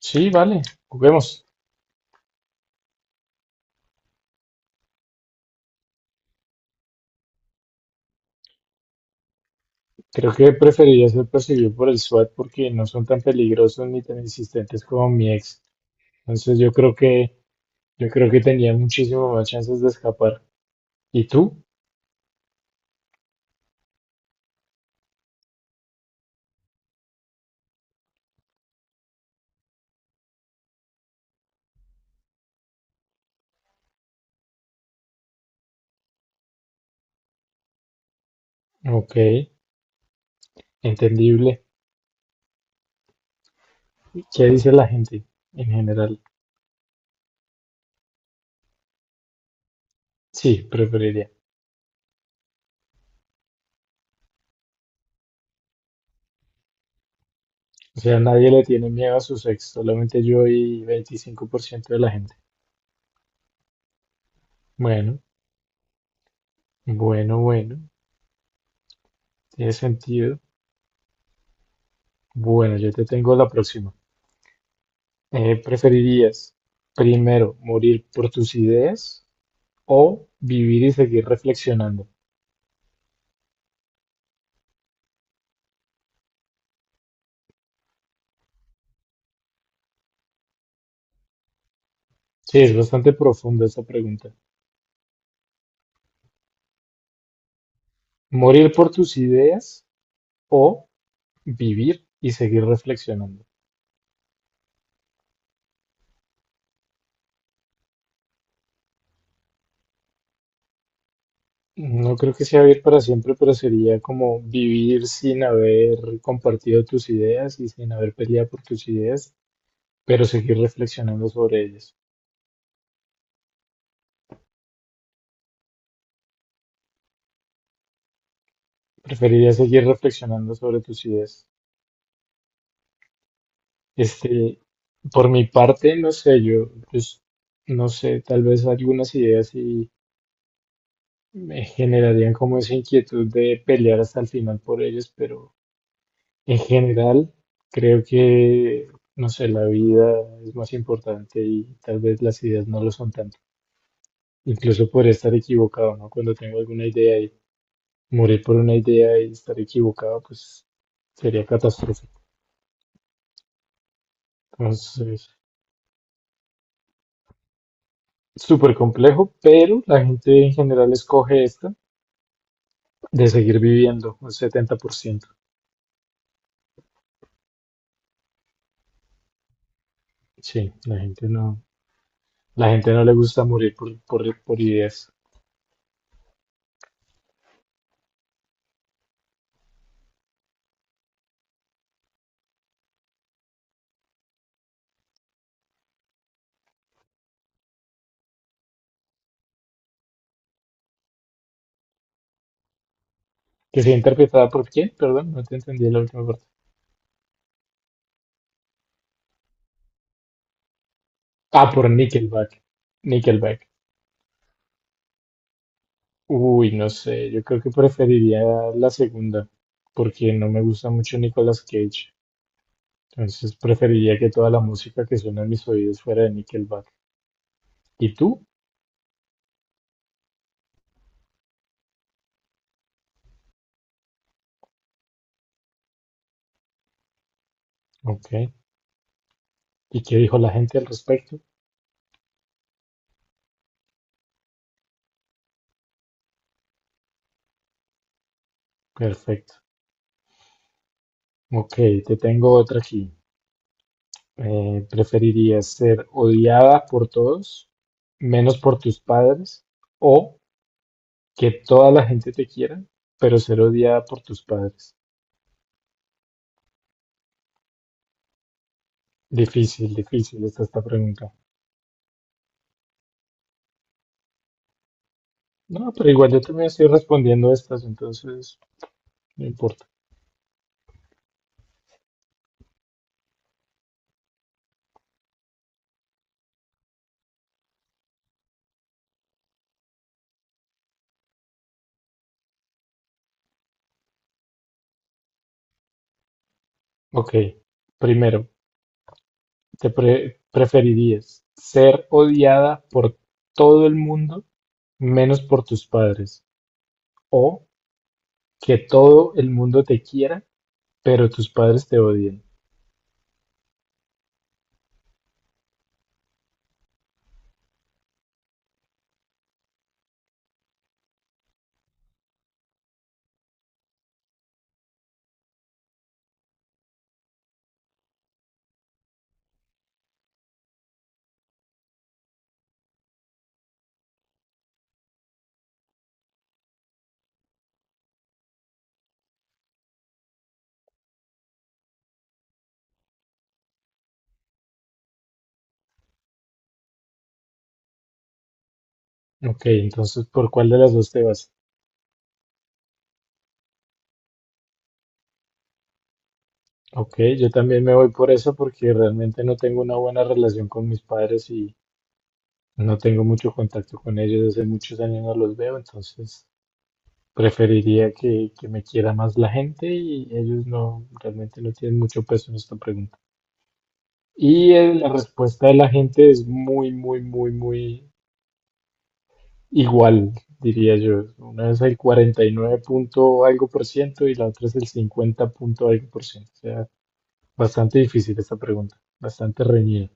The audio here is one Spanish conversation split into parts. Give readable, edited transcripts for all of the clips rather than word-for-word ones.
Sí, vale, juguemos. Creo que preferiría ser perseguido por el SWAT porque no son tan peligrosos ni tan insistentes como mi ex. Entonces yo creo que tenía muchísimo más chances de escapar. ¿Y tú? Ok, entendible. ¿Qué dice la gente en general? Sí, preferiría. O sea, nadie le tiene miedo a sus ex, solamente yo y 25% de la gente. Bueno, bueno, bueno, tiene sentido. Bueno, yo te tengo la próxima. ¿Preferirías primero morir por tus ideas o vivir y seguir reflexionando? Sí, es bastante profunda esa pregunta. ¿Morir por tus ideas o vivir y seguir reflexionando? No creo que sea vivir para siempre, pero sería como vivir sin haber compartido tus ideas y sin haber peleado por tus ideas, pero seguir reflexionando sobre ellas. ¿Preferiría seguir reflexionando sobre tus ideas? Este, por mi parte, no sé, yo, pues, no sé, tal vez algunas ideas sí me generarían como esa inquietud de pelear hasta el final por ellas, pero en general creo que, no sé, la vida es más importante y tal vez las ideas no lo son tanto. Incluso podría estar equivocado, ¿no? Cuando tengo alguna idea y morir por una idea y estar equivocado, pues sería catastrófico. Entonces, súper complejo, pero la gente en general escoge esta. De seguir viviendo, un 70%. Sí, la gente no le gusta morir por, por ideas. ¿Que sea interpretada por quién? Perdón, no te entendí la última parte. Ah, por Nickelback. Nickelback. Uy, no sé, yo creo que preferiría la segunda, porque no me gusta mucho Nicolas Cage. Entonces preferiría que toda la música que suena en mis oídos fuera de Nickelback. ¿Y tú? Ok. ¿Y qué dijo la gente al respecto? Perfecto. Ok, te tengo otra aquí. ¿Preferirías ser odiada por todos, menos por tus padres, o que toda la gente te quiera, pero ser odiada por tus padres? Difícil, difícil está esta pregunta. No, pero igual yo también estoy respondiendo estas, entonces no importa. Ok, primero, ¿ preferirías ser odiada por todo el mundo, menos por tus padres, o que todo el mundo te quiera, pero tus padres te odien? Ok, entonces, ¿por cuál de las dos te vas? Ok, yo también me voy por eso porque realmente no tengo una buena relación con mis padres y no tengo mucho contacto con ellos, hace muchos años no los veo, entonces preferiría que me quiera más la gente y ellos no, realmente no tienen mucho peso en esta pregunta. Y la respuesta de la gente es muy, muy, muy, muy igual, diría yo. Una es el 49 punto algo por ciento y la otra es el 50 punto algo por ciento. O sea, bastante difícil esta pregunta, bastante reñida.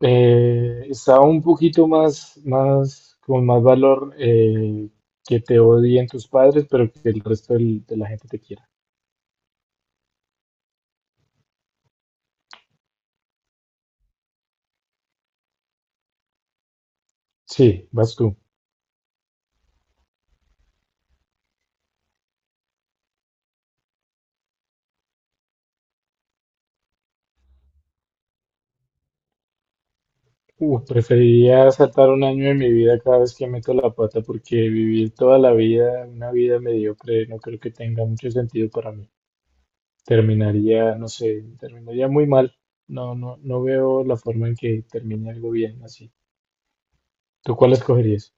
Está un poquito más, más, con más valor que te odien tus padres, pero que el resto de la gente te quiera. Sí, vas tú. Preferiría saltar un año de mi vida cada vez que meto la pata porque vivir toda la vida, una vida mediocre, no creo que tenga mucho sentido para mí. Terminaría, no sé, terminaría muy mal. No, no, no veo la forma en que termine algo bien así. ¿Tú cuál escogerías?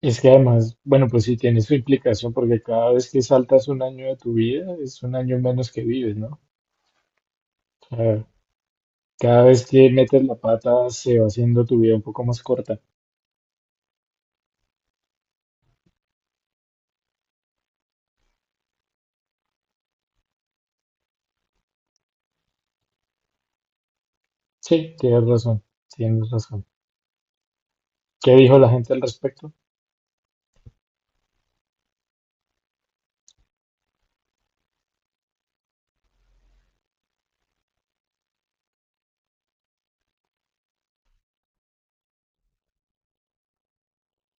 Es que además, bueno, pues sí tiene su implicación porque cada vez que saltas un año de tu vida es un año menos que vives, ¿no? O sea, cada vez que metes la pata se va haciendo tu vida un poco más corta. Sí, tienes razón, tienes razón. ¿Qué dijo la gente al respecto?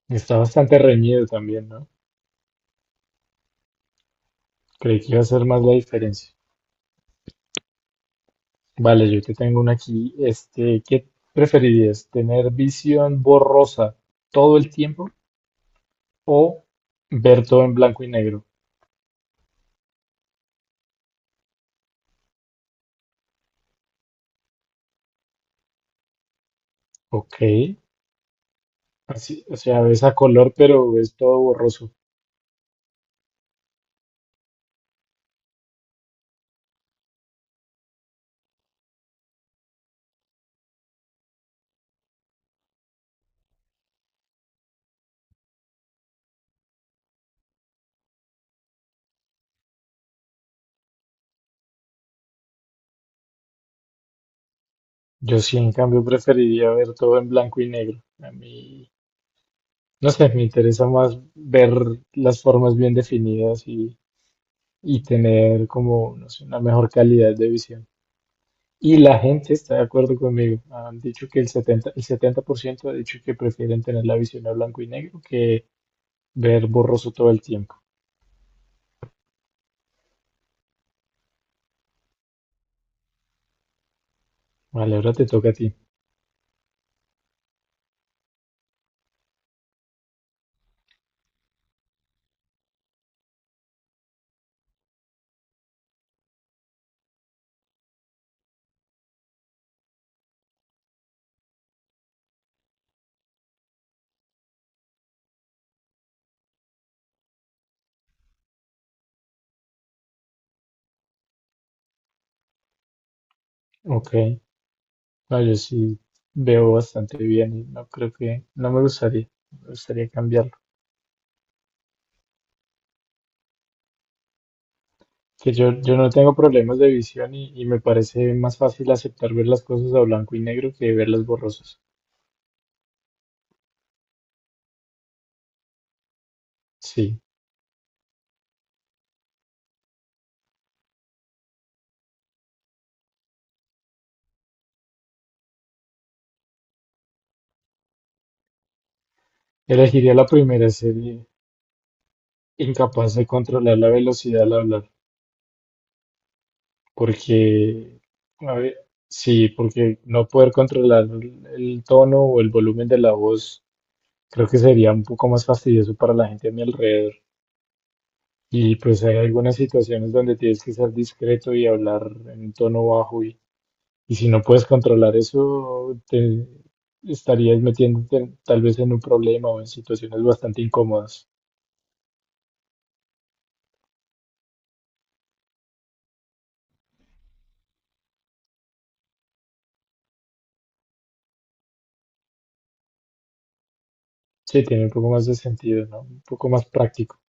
Está bastante reñido también, ¿no? Creí que iba a ser más la diferencia. Vale, yo te tengo una aquí. Este, ¿qué preferirías? ¿Tener visión borrosa todo el tiempo o ver todo en blanco y negro? Ok. Así, o sea, ves a color, pero es todo borroso. Yo sí, en cambio, preferiría ver todo en blanco y negro. A mí, no sé, me interesa más ver las formas bien definidas y tener como, no sé, una mejor calidad de visión. Y la gente está de acuerdo conmigo. Han dicho que el 70% ha dicho que prefieren tener la visión a blanco y negro que ver borroso todo el tiempo. Vale, ahora te toca a ti. Ok. No, yo sí veo bastante bien y no creo que, no me gustaría, me gustaría cambiarlo. Que yo no tengo problemas de visión y me parece más fácil aceptar ver las cosas a blanco y negro que verlas borrosas. Sí, elegiría la primera serie, incapaz de controlar la velocidad al hablar, porque, a ver, sí, porque no poder controlar el tono o el volumen de la voz, creo que sería un poco más fastidioso para la gente a mi alrededor. Y pues hay algunas situaciones donde tienes que ser discreto y hablar en un tono bajo y si no puedes controlar eso, te estarías tal vez en un problema o en situaciones bastante incómodas. Sí, tiene un poco más de sentido, ¿no? Un poco más práctico.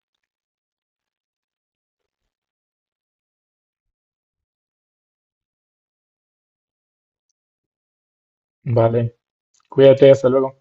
Vale, cuídate, hasta luego.